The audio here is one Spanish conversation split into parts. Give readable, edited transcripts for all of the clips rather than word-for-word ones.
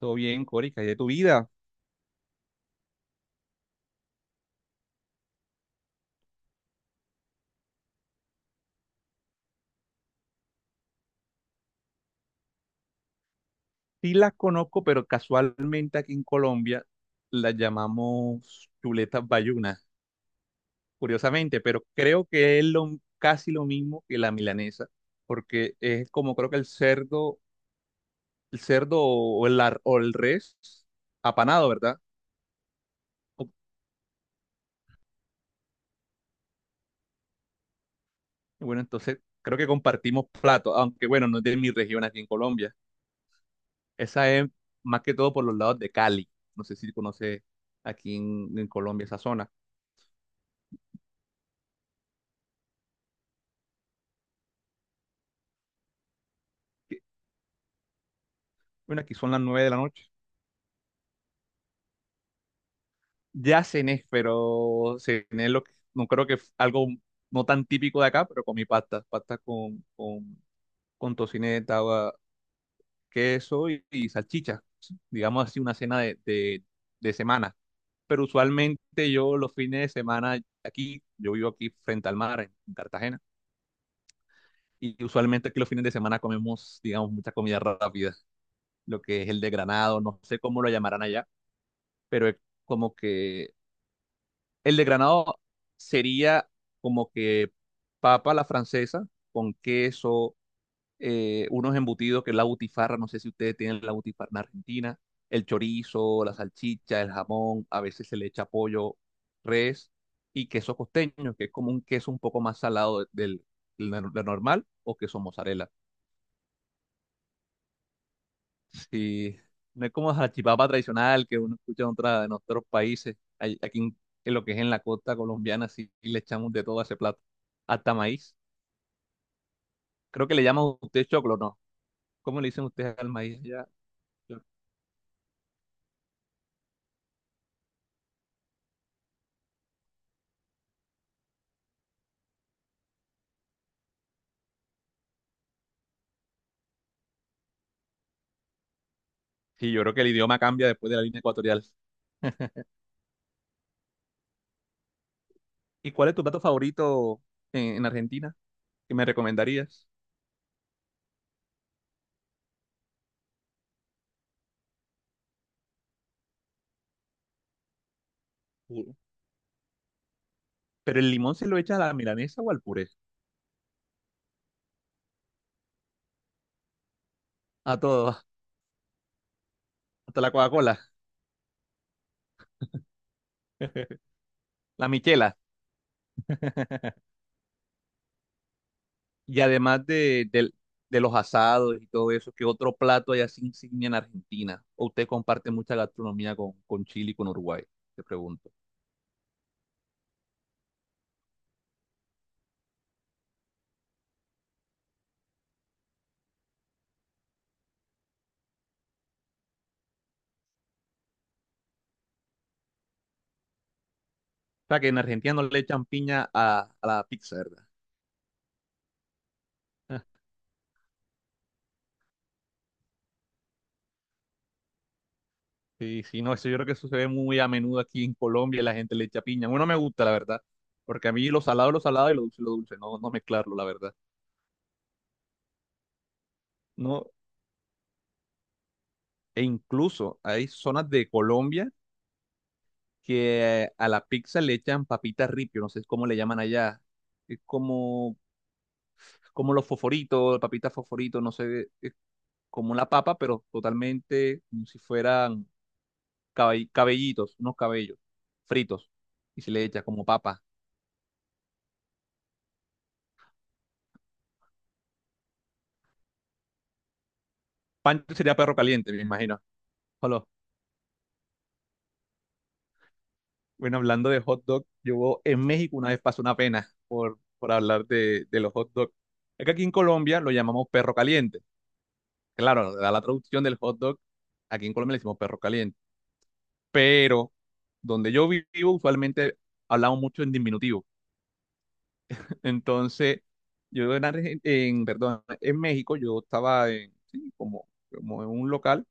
Todo bien, Cori, ¿qué hay de tu vida? Sí las conozco, pero casualmente aquí en Colombia las llamamos chuletas bayunas, curiosamente, pero creo que es casi lo mismo que la milanesa, porque es como creo que el cerdo, o el res apanado, ¿verdad? O- Bueno, entonces creo que compartimos plato, aunque bueno, no es de mi región aquí en Colombia. Esa es más que todo por los lados de Cali. No sé si conoce aquí en Colombia esa zona. Bueno, aquí son las 9 de la noche. Ya cené, pero cené lo que, no creo que f- algo no tan típico de acá, pero comí pasta, pasta con tocineta, agua, queso y salchicha, digamos así, una cena de, de semana. Pero usualmente yo los fines de semana aquí, yo vivo aquí frente al mar, en Cartagena, y usualmente aquí los fines de semana comemos, digamos, mucha comida rápida, lo que es el de granado, no sé cómo lo llamarán allá, pero es como que el desgranado sería como que papa a la francesa con queso, unos embutidos que es la butifarra, no sé si ustedes tienen la butifarra en Argentina, el chorizo, la salchicha, el jamón, a veces se le echa pollo, res y queso costeño, que es como un queso un poco más salado del, del nor- del normal o queso mozzarella. Sí, no es como salchipapa tradicional que uno escucha en otros países. Aquí en lo que es en la costa colombiana, sí le echamos de todo a ese plato. Hasta maíz. Creo que le llaman a usted choclo, ¿no? ¿Cómo le dicen ustedes al maíz allá? Yo- Sí, yo creo que el idioma cambia después de la línea ecuatorial. ¿Y cuál es tu plato favorito en Argentina? ¿Que me recomendarías? Puro. ¿Pero el limón se lo echa a la milanesa o al puré? A todo, hasta la Coca-Cola. La michela. Y además de los asados y todo eso, ¿qué otro plato hay así insignia en Argentina? ¿O usted comparte mucha gastronomía con Chile y con Uruguay? Te pregunto. O sea, que en Argentina no le echan piña a la pizza, ¿verdad? Ah, sí, sí, no, eso yo creo que eso se ve muy a menudo aquí en Colombia, la gente le echa piña. Bueno, me gusta, la verdad, porque a mí lo salado es lo salado y lo dulce es lo dulce, no, no mezclarlo, la verdad. No, e incluso hay zonas de Colombia que a la pizza le echan papita ripio, no sé cómo le llaman allá. Es como los fosforitos, papitas fosforitos, no sé, es como una papa, pero totalmente como si fueran cabellitos, unos cabellos fritos, y se le echa como papa. Pancho sería perro caliente, me imagino. Hola. Bueno, hablando de hot dog, yo en México una vez pasó una pena por hablar de los hot dogs. Es que aquí en Colombia lo llamamos perro caliente. Claro, da la traducción del hot dog, aquí en Colombia le decimos perro caliente. Pero donde yo vivo, usualmente hablamos mucho en diminutivo. Entonces, yo en México, yo estaba en, sí, como en un local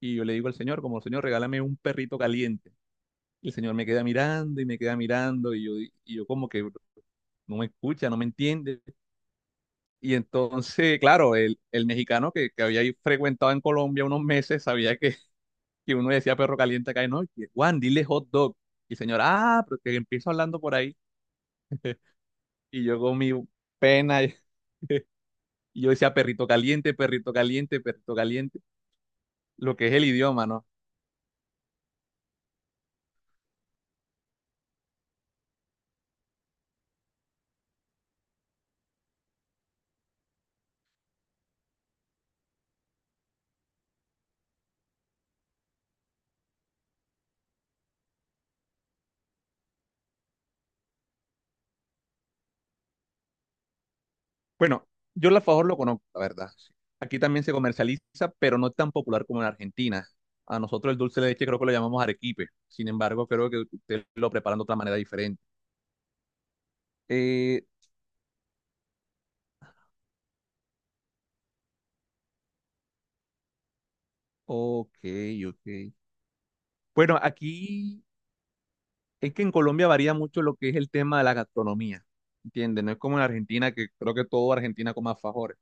y yo le digo al señor, como señor, regálame un perrito caliente. Y el señor me queda mirando y me queda mirando y yo como que no me escucha, no me entiende. Y entonces, claro, el mexicano que había ahí frecuentado en Colombia unos meses sabía que uno decía perro caliente acá y no, y que, Juan, dile hot dog. Y el señor, ah, pero que empiezo hablando por ahí. Y yo con mi pena, y yo decía perrito caliente, perrito caliente, perrito caliente, lo que es el idioma, ¿no? Bueno, yo el alfajor lo conozco, la verdad, sí. Aquí también se comercializa, pero no es tan popular como en Argentina. A nosotros el dulce de leche creo que lo llamamos arequipe. Sin embargo, creo que ustedes lo preparan de otra manera diferente. Eh, ok, ok. Bueno, aquí es que en Colombia varía mucho lo que es el tema de la gastronomía, ¿entiendes? No es como en Argentina, que creo que todo Argentina come alfajores.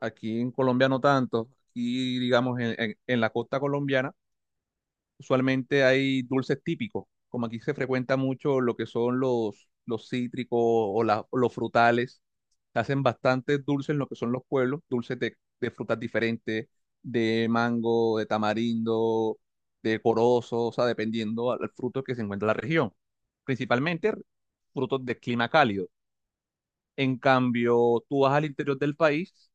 Aquí en Colombia no tanto. Aquí, digamos, en la costa colombiana, usualmente hay dulces típicos. Como aquí se frecuenta mucho lo que son los cítricos o los frutales. Se hacen bastantes dulces en lo que son los pueblos, dulces de frutas diferentes, de mango, de tamarindo, de corozo, o sea, dependiendo al fruto que se encuentra en la región. Principalmente frutos de clima cálido. En cambio, tú vas al interior del país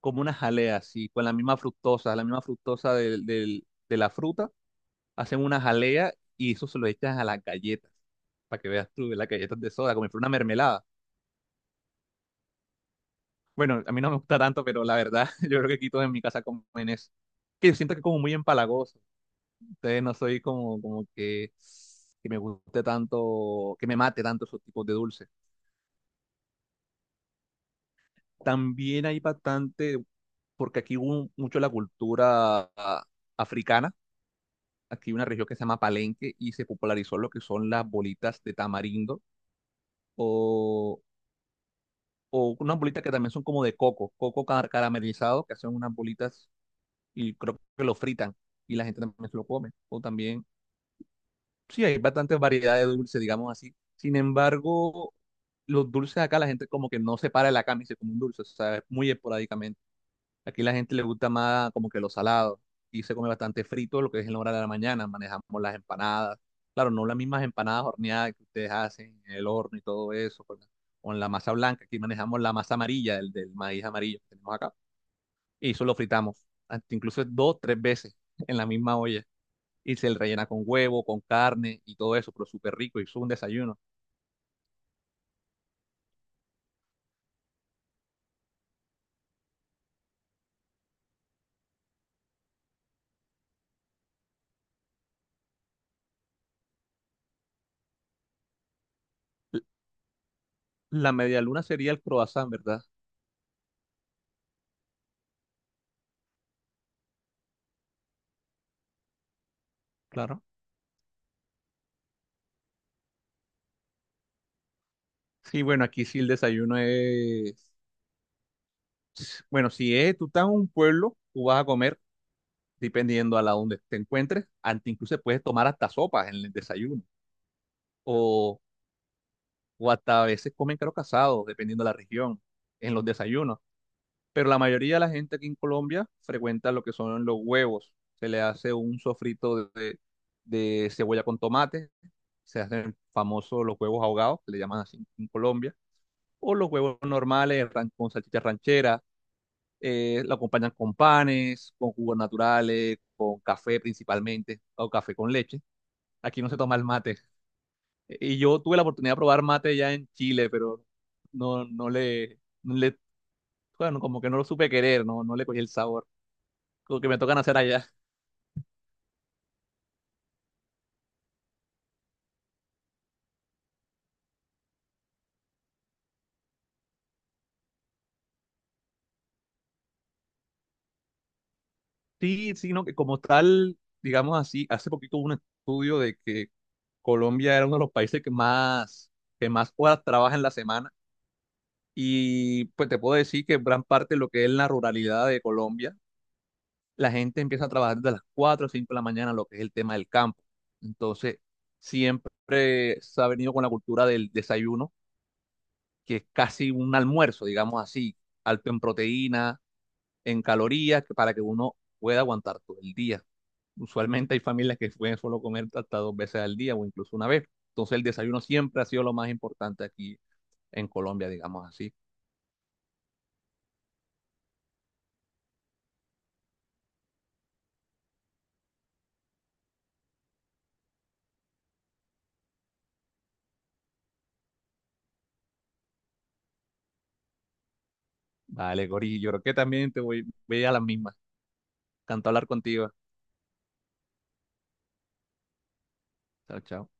como una jalea así, con la misma fructosa de la fruta, hacen una jalea y eso se lo echas a las galletas, para que veas tú, las galletas de soda, como si fuera una mermelada. Bueno, a mí no me gusta tanto, pero la verdad, yo creo que quito en mi casa como en eso. Que yo siento que es como muy empalagoso, entonces no soy como que me guste tanto, que me mate tanto esos tipos de dulces. También hay bastante, porque aquí hubo mucho la cultura africana. Aquí hay una región que se llama Palenque y se popularizó lo que son las bolitas de tamarindo o, o unas bolitas que también son como de coco, caramelizado, que hacen unas bolitas y creo que lo fritan y la gente también se lo come. O también, sí, hay bastantes variedades de dulce, digamos así. Sin embargo, los dulces acá la gente como que no separa la cama y se come un dulce, o sea, es muy esporádicamente. Aquí la gente le gusta más como que lo salado y se come bastante frito, lo que es en la hora de la mañana. Manejamos las empanadas. Claro, no las mismas empanadas horneadas que ustedes hacen en el horno y todo eso, con la masa blanca. Aquí manejamos la masa amarilla, el del maíz amarillo que tenemos acá. Y eso lo fritamos, hasta incluso dos, tres veces en la misma olla. Y se le rellena con huevo, con carne y todo eso, pero súper rico. Y eso es un desayuno. L- La media luna sería el croissant, ¿verdad? Claro. Sí, bueno, aquí sí el desayuno es. Bueno, si es, tú estás en un pueblo, tú vas a comer, dependiendo a la donde te encuentres, ante incluso puedes tomar hasta sopas en el desayuno, o, o hasta a veces comen caro casado, dependiendo de la región, en los desayunos. Pero la mayoría de la gente aquí en Colombia frecuenta lo que son los huevos. Se le hace un sofrito de cebolla con tomate, se hacen famosos los huevos ahogados, que le llaman así en Colombia, o los huevos normales con salchicha ranchera. Lo acompañan con panes, con jugos naturales, con café principalmente, o café con leche. Aquí no se toma el mate. Y yo tuve la oportunidad de probar mate ya en Chile, pero no, bueno, como que no lo supe querer, no, no le cogí el sabor. Lo que me tocan hacer allá. Sí, sí, no, que como tal, digamos así, hace poquito hubo un estudio de que Colombia era uno de los países que más horas trabaja en la semana. Y pues te puedo decir que gran parte de lo que es la ruralidad de Colombia la gente empieza a trabajar desde las 4 o 5 de la mañana, lo que es el tema del campo. Entonces, siempre se ha venido con la cultura del desayuno, que es casi un almuerzo, digamos así, alto en proteína, en calorías, para que uno pueda aguantar todo el día. Usualmente hay familias que pueden solo comer hasta dos veces al día o incluso una vez. Entonces, el desayuno siempre ha sido lo más importante aquí en Colombia, digamos así. Vale, Gori, yo creo que también voy a las mismas. Encantado de hablar contigo. Chao, chao.